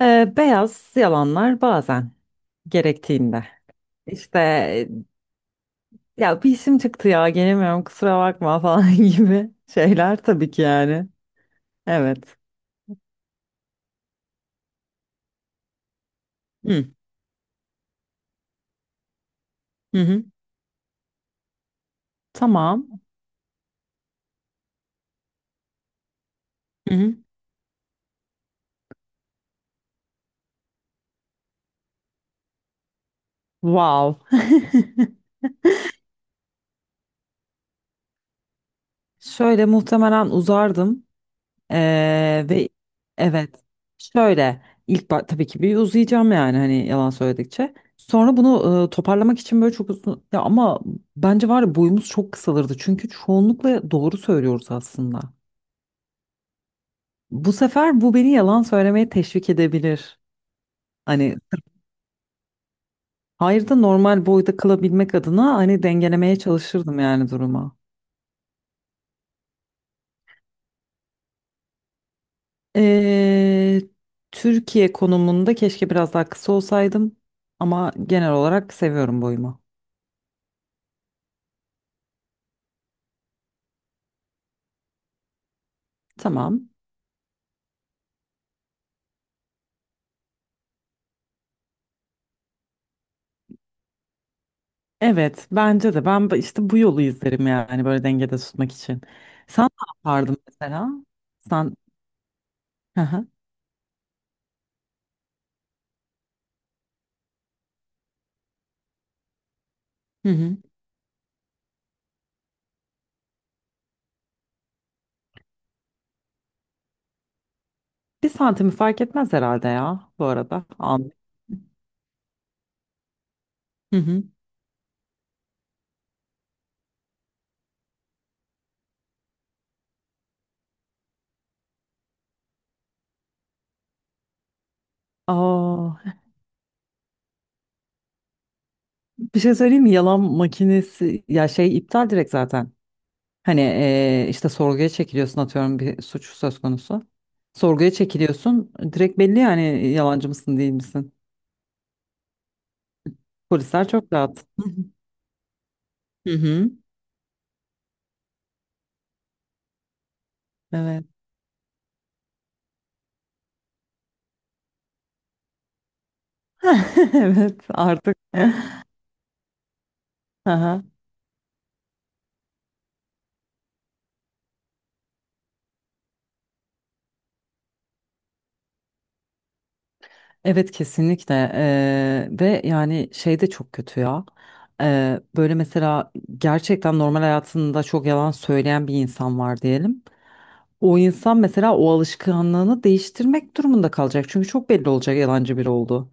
Beyaz yalanlar bazen gerektiğinde. İşte ya bir işim çıktı ya gelemiyorum kusura bakma falan gibi şeyler tabii ki yani. Evet. Hı hı. Hı. Tamam. Hı hı. Wow. Şöyle muhtemelen uzardım. Ve evet şöyle ilk tabii ki bir uzayacağım yani hani yalan söyledikçe. Sonra bunu toparlamak için böyle çok uzun ya ama bence var ya boyumuz çok kısalırdı. Çünkü çoğunlukla doğru söylüyoruz aslında. Bu sefer bu beni yalan söylemeye teşvik edebilir. Hani hayır da normal boyda kalabilmek adına hani dengelemeye çalışırdım yani duruma. Ee, Türkiye konumunda keşke biraz daha kısa olsaydım ama genel olarak seviyorum boyumu. Tamam. Evet, bence de. Ben işte bu yolu izlerim yani böyle dengede tutmak için. Sen ne yapardın mesela? Sen hı hı. Hı hı. Bir santimi fark etmez herhalde ya bu arada. An. Hı hı. Aa, bir şey söyleyeyim mi? Yalan makinesi ya şey iptal direkt zaten. Hani işte sorguya çekiliyorsun atıyorum bir suç söz konusu. Sorguya çekiliyorsun direkt belli yani yalancı mısın değil misin? Polisler çok rahat. Hı hı. Evet. Evet artık. Aha. Evet kesinlikle. Ve yani şey de çok kötü ya. Böyle mesela gerçekten normal hayatında çok yalan söyleyen bir insan var diyelim. O insan mesela o alışkanlığını değiştirmek durumunda kalacak çünkü çok belli olacak yalancı biri olduğu.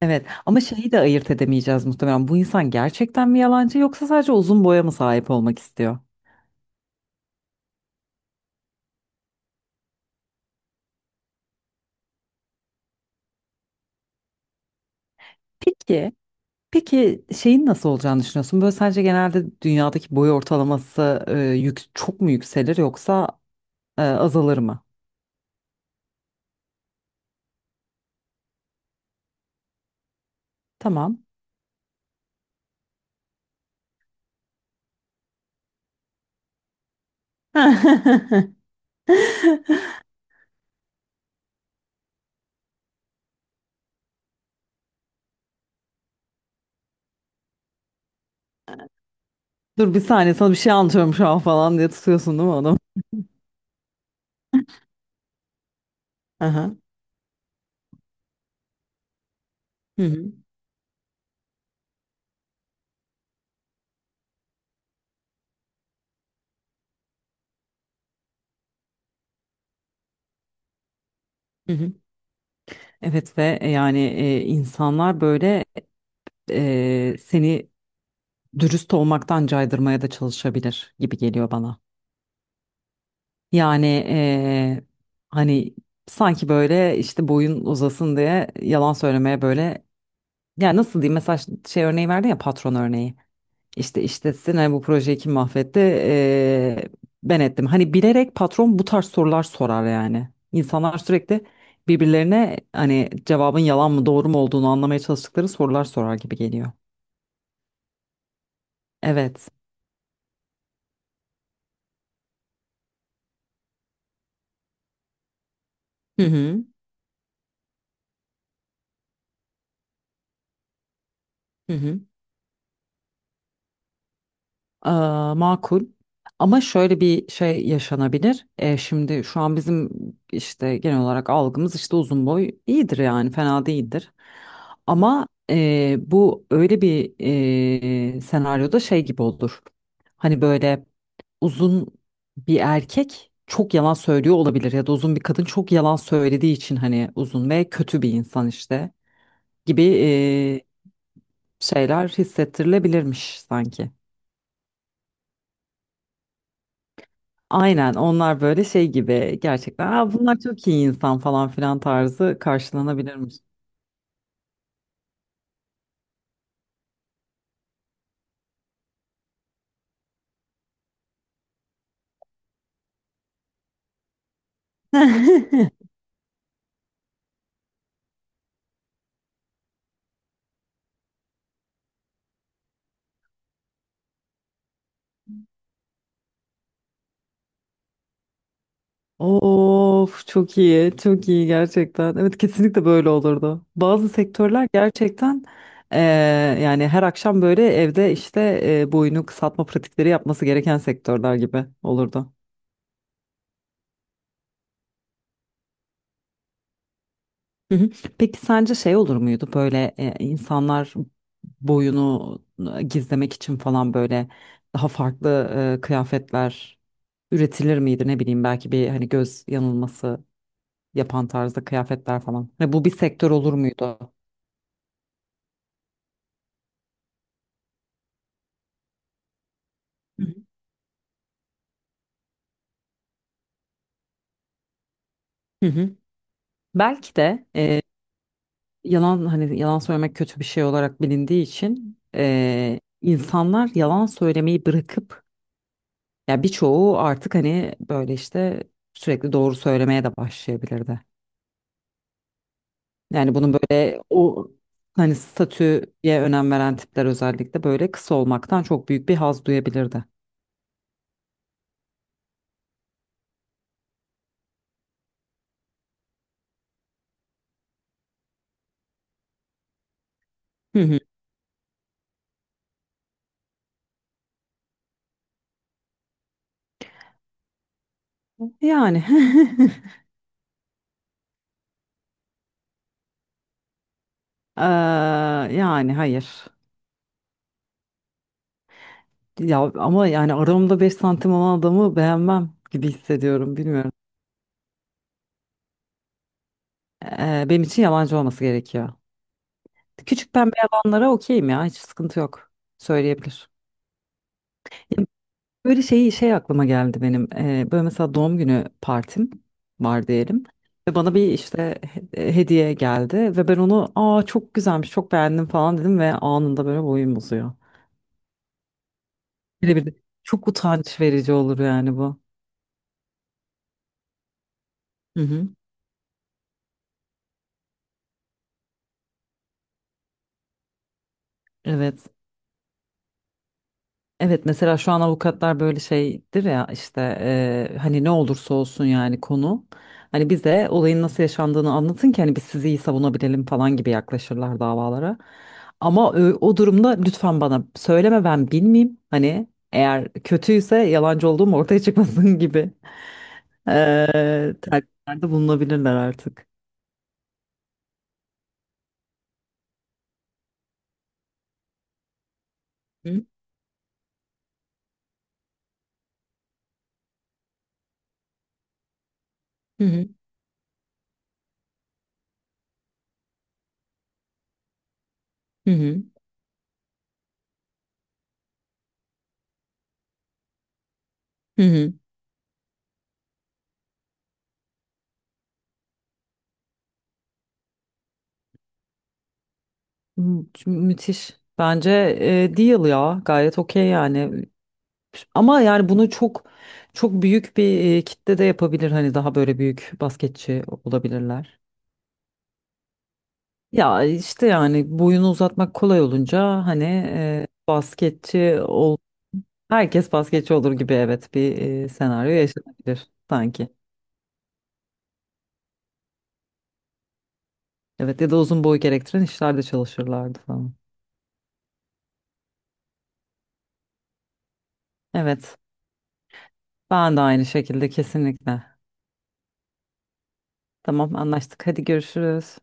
Evet ama şeyi de ayırt edemeyeceğiz muhtemelen bu insan gerçekten mi yalancı yoksa sadece uzun boya mı sahip olmak istiyor? Peki. Peki şeyin nasıl olacağını düşünüyorsun? Böyle sence genelde dünyadaki boy ortalaması çok mu yükselir yoksa azalır mı? Tamam. Dur bir saniye sana bir şey anlatıyorum şu an falan diye tutuyorsun değil mi adam? Aha. Hı hı. Hı hı. Evet ve yani insanlar böyle seni dürüst olmaktan caydırmaya da çalışabilir gibi geliyor bana. Yani hani sanki böyle işte boyun uzasın diye yalan söylemeye böyle. Ya nasıl diyeyim mesela şey örneği verdin ya patron örneği. İşte işletsin hani bu projeyi kim mahvetti. Ben ettim. Hani bilerek patron bu tarz sorular sorar yani. İnsanlar sürekli birbirlerine hani cevabın yalan mı doğru mu olduğunu anlamaya çalıştıkları sorular sorar gibi geliyor. Evet. Hı hı. Hı hı. Ee, Makul. Ama şöyle bir şey yaşanabilir. Şimdi şu an bizim işte genel olarak algımız işte uzun boy iyidir yani fena değildir. Ama bu öyle bir senaryoda şey gibi olur. Hani böyle uzun bir erkek çok yalan söylüyor olabilir ya da uzun bir kadın çok yalan söylediği için hani uzun ve kötü bir insan işte gibi şeyler hissettirilebilirmiş sanki. Aynen onlar böyle şey gibi gerçekten. Aa, bunlar çok iyi insan falan filan tarzı karşılanabilirmiş. Of çok iyi çok iyi gerçekten evet kesinlikle böyle olurdu bazı sektörler gerçekten. eee, Yani her akşam böyle evde işte boyunu kısaltma pratikleri yapması gereken sektörler gibi olurdu. Hı hı. Peki sence şey olur muydu böyle insanlar boyunu gizlemek için falan böyle daha farklı kıyafetler üretilir miydi ne bileyim belki bir hani göz yanılması yapan tarzda kıyafetler falan. Hani bu bir sektör olur muydu? Hı hı. Hı hı. Belki de yalan hani yalan söylemek kötü bir şey olarak bilindiği için insanlar yalan söylemeyi bırakıp ya birçoğu artık hani böyle işte sürekli doğru söylemeye de başlayabilirdi. Yani bunun böyle o hani statüye önem veren tipler özellikle böyle kısa olmaktan çok büyük bir haz duyabilirdi. Hı hı. Yani Eee, yani hayır. Ya ama yani aramda 5 santim olan adamı beğenmem gibi hissediyorum bilmiyorum. Benim için yalancı olması gerekiyor. Küçük pembe yalanlara okeyim ya hiç sıkıntı yok. Söyleyebilir. Böyle şeyi şey aklıma geldi benim. Böyle mesela doğum günü partim var diyelim. Ve bana bir işte hediye geldi ve ben onu aa çok güzelmiş çok beğendim falan dedim ve anında böyle boyum uzuyor. Birebir de çok utanç verici olur yani bu. Hı hı. Evet. Evet mesela şu an avukatlar böyle şeydir ya işte hani ne olursa olsun yani konu hani bize olayın nasıl yaşandığını anlatın ki hani biz sizi iyi savunabilelim falan gibi yaklaşırlar davalara. Ama o durumda lütfen bana söyleme ben bilmeyeyim hani eğer kötüyse yalancı olduğum ortaya çıkmasın gibi eee telkinlerde bulunabilirler artık. Hı hı hı hı hı. Hı. Hı, Müthiş. Bence deal ya gayet okey yani. Ama yani bunu çok çok büyük bir kitle de yapabilir. Hani daha böyle büyük basketçi olabilirler. Ya işte yani boyunu uzatmak kolay olunca hani basketçi ol herkes basketçi olur gibi evet bir senaryo yaşanabilir sanki. Evet ya da uzun boy gerektiren işlerde çalışırlardı falan. Evet ben de aynı şekilde kesinlikle. Tamam anlaştık hadi görüşürüz.